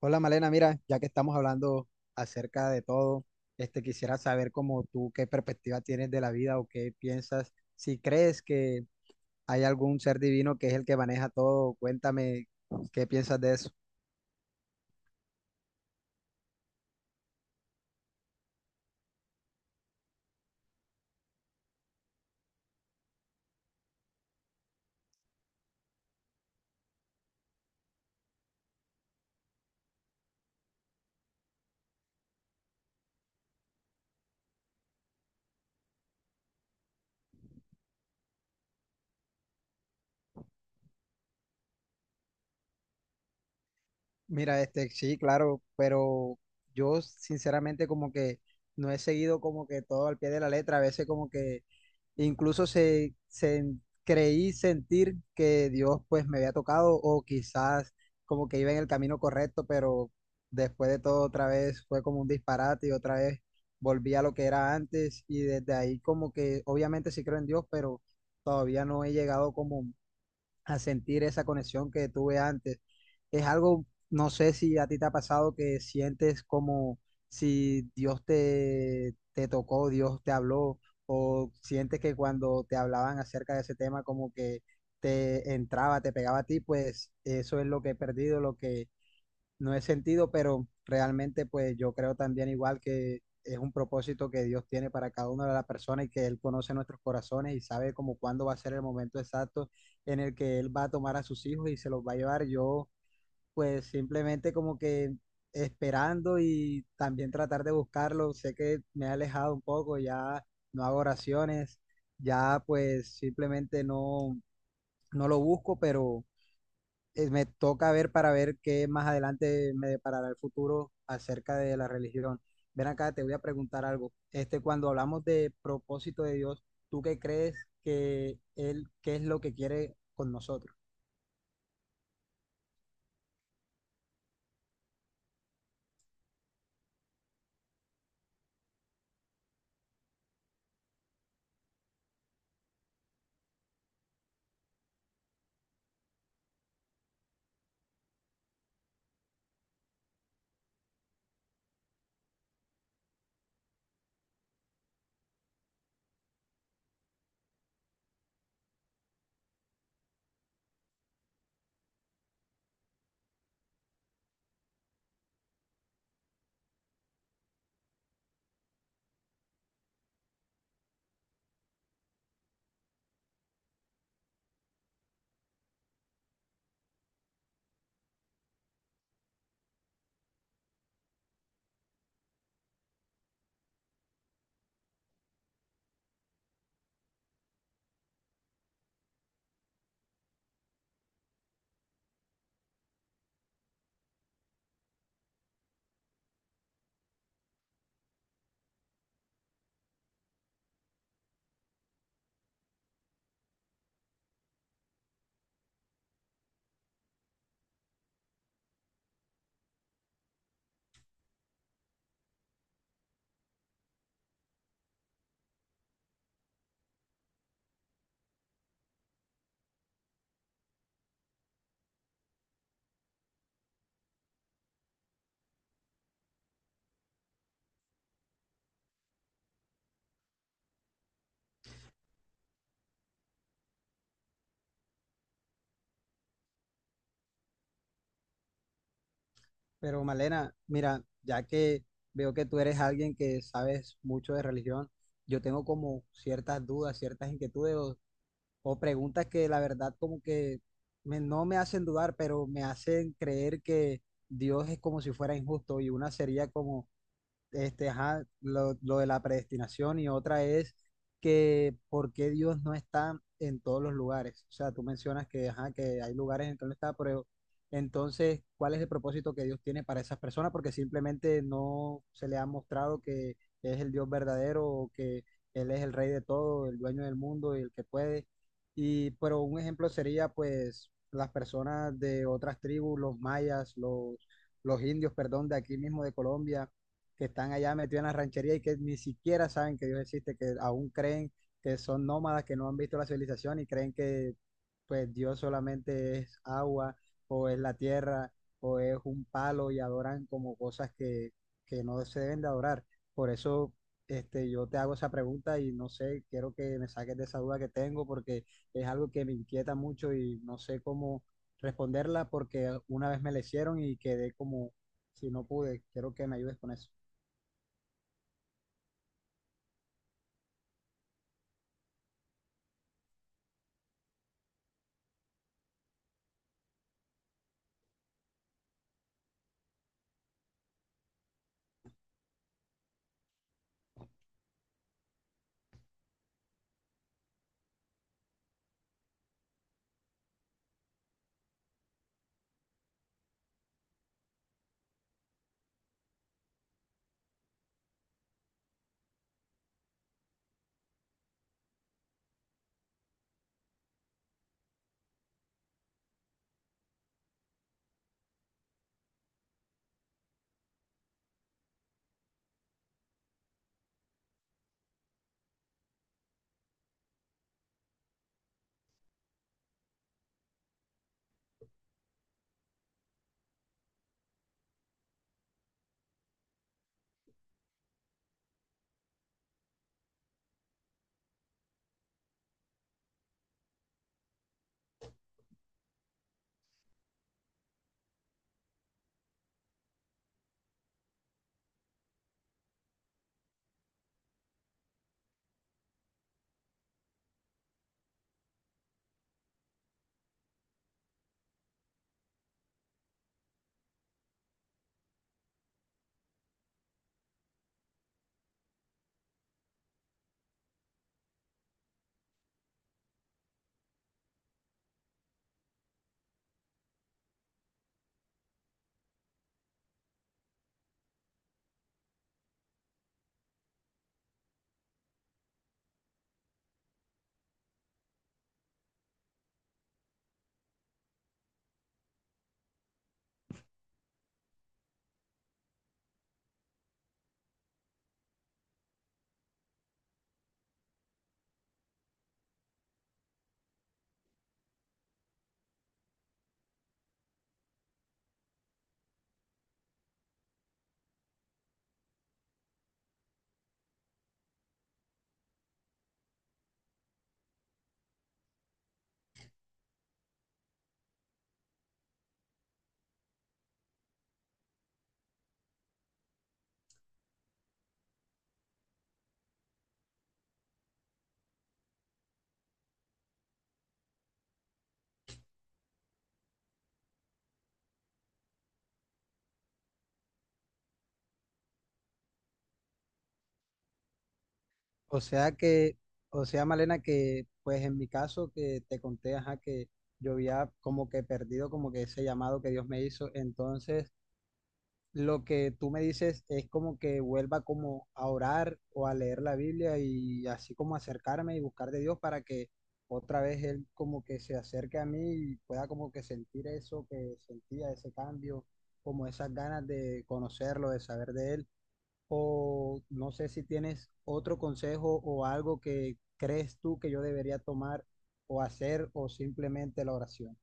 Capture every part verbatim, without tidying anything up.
Hola Malena, mira, ya que estamos hablando acerca de todo, este quisiera saber como tú qué perspectiva tienes de la vida o qué piensas, si crees que hay algún ser divino que es el que maneja todo, cuéntame qué piensas de eso. Mira, este, sí, claro, pero yo sinceramente como que no he seguido como que todo al pie de la letra, a veces como que incluso se, se creí sentir que Dios pues me había tocado o quizás como que iba en el camino correcto, pero después de todo otra vez fue como un disparate y otra vez volví a lo que era antes y desde ahí como que obviamente sí creo en Dios, pero todavía no he llegado como a sentir esa conexión que tuve antes. Es algo, no sé si a ti te ha pasado que sientes como si Dios te, te tocó, Dios te habló, o sientes que cuando te hablaban acerca de ese tema como que te entraba, te pegaba a ti, pues eso es lo que he perdido, lo que no he sentido, pero realmente pues yo creo también igual que es un propósito que Dios tiene para cada una de las personas y que Él conoce nuestros corazones y sabe como cuándo va a ser el momento exacto en el que Él va a tomar a sus hijos y se los va a llevar. Yo pues simplemente como que esperando y también tratar de buscarlo. Sé que me he alejado un poco, ya no hago oraciones, ya pues simplemente no, no lo busco, pero eh, me toca ver para ver qué más adelante me deparará el futuro acerca de la religión. Ven acá, te voy a preguntar algo. Este, cuando hablamos de propósito de Dios, ¿tú qué crees que Él, qué es lo que quiere con nosotros? Pero Malena, mira, ya que veo que tú eres alguien que sabes mucho de religión, yo tengo como ciertas dudas, ciertas inquietudes o preguntas que la verdad como que me- no me hacen dudar, pero me hacen creer que Dios es como si fuera injusto y una sería como este, ajá, lo, lo de la predestinación y otra es que por qué Dios no está en todos los lugares. O sea, tú mencionas que, ajá, que hay lugares en que no está, pero entonces, ¿cuál es el propósito que Dios tiene para esas personas? Porque simplemente no se le ha mostrado que es el Dios verdadero o que Él es el rey de todo, el dueño del mundo y el que puede. Y, pero un ejemplo sería, pues, las personas de otras tribus, los mayas, los, los indios, perdón, de aquí mismo de Colombia que están allá metidos en la ranchería y que ni siquiera saben que Dios existe, que aún creen que son nómadas, que no han visto la civilización y creen que pues Dios solamente es agua o es la tierra o es un palo y adoran como cosas que, que no se deben de adorar. Por eso este, yo te hago esa pregunta y no sé, quiero que me saques de esa duda que tengo porque es algo que me inquieta mucho y no sé cómo responderla porque una vez me la hicieron y quedé como si no pude. Quiero que me ayudes con eso. O sea que, o sea, Malena, que pues en mi caso que te conté, ajá, que yo había como que perdido como que ese llamado que Dios me hizo. Entonces, lo que tú me dices es como que vuelva como a orar o a leer la Biblia y así como acercarme y buscar de Dios para que otra vez Él como que se acerque a mí y pueda como que sentir eso que sentía, ese cambio, como esas ganas de conocerlo, de saber de Él o no sé si tienes otro consejo o algo que crees tú que yo debería tomar o hacer o simplemente la oración.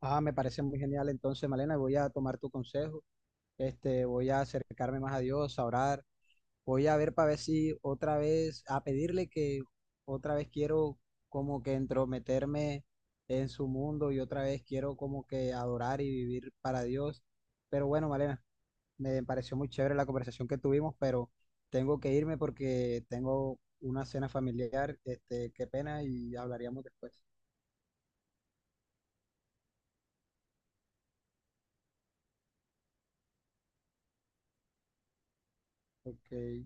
Ah, me parece muy genial. Entonces, Malena, voy a tomar tu consejo. Este, voy a acercarme más a Dios, a orar, voy a ver para ver si otra vez, a pedirle que otra vez quiero como que entrometerme en su mundo y otra vez quiero como que adorar y vivir para Dios. Pero bueno, Malena, me pareció muy chévere la conversación que tuvimos, pero tengo que irme porque tengo una cena familiar. Este, qué pena y hablaríamos después. Ok.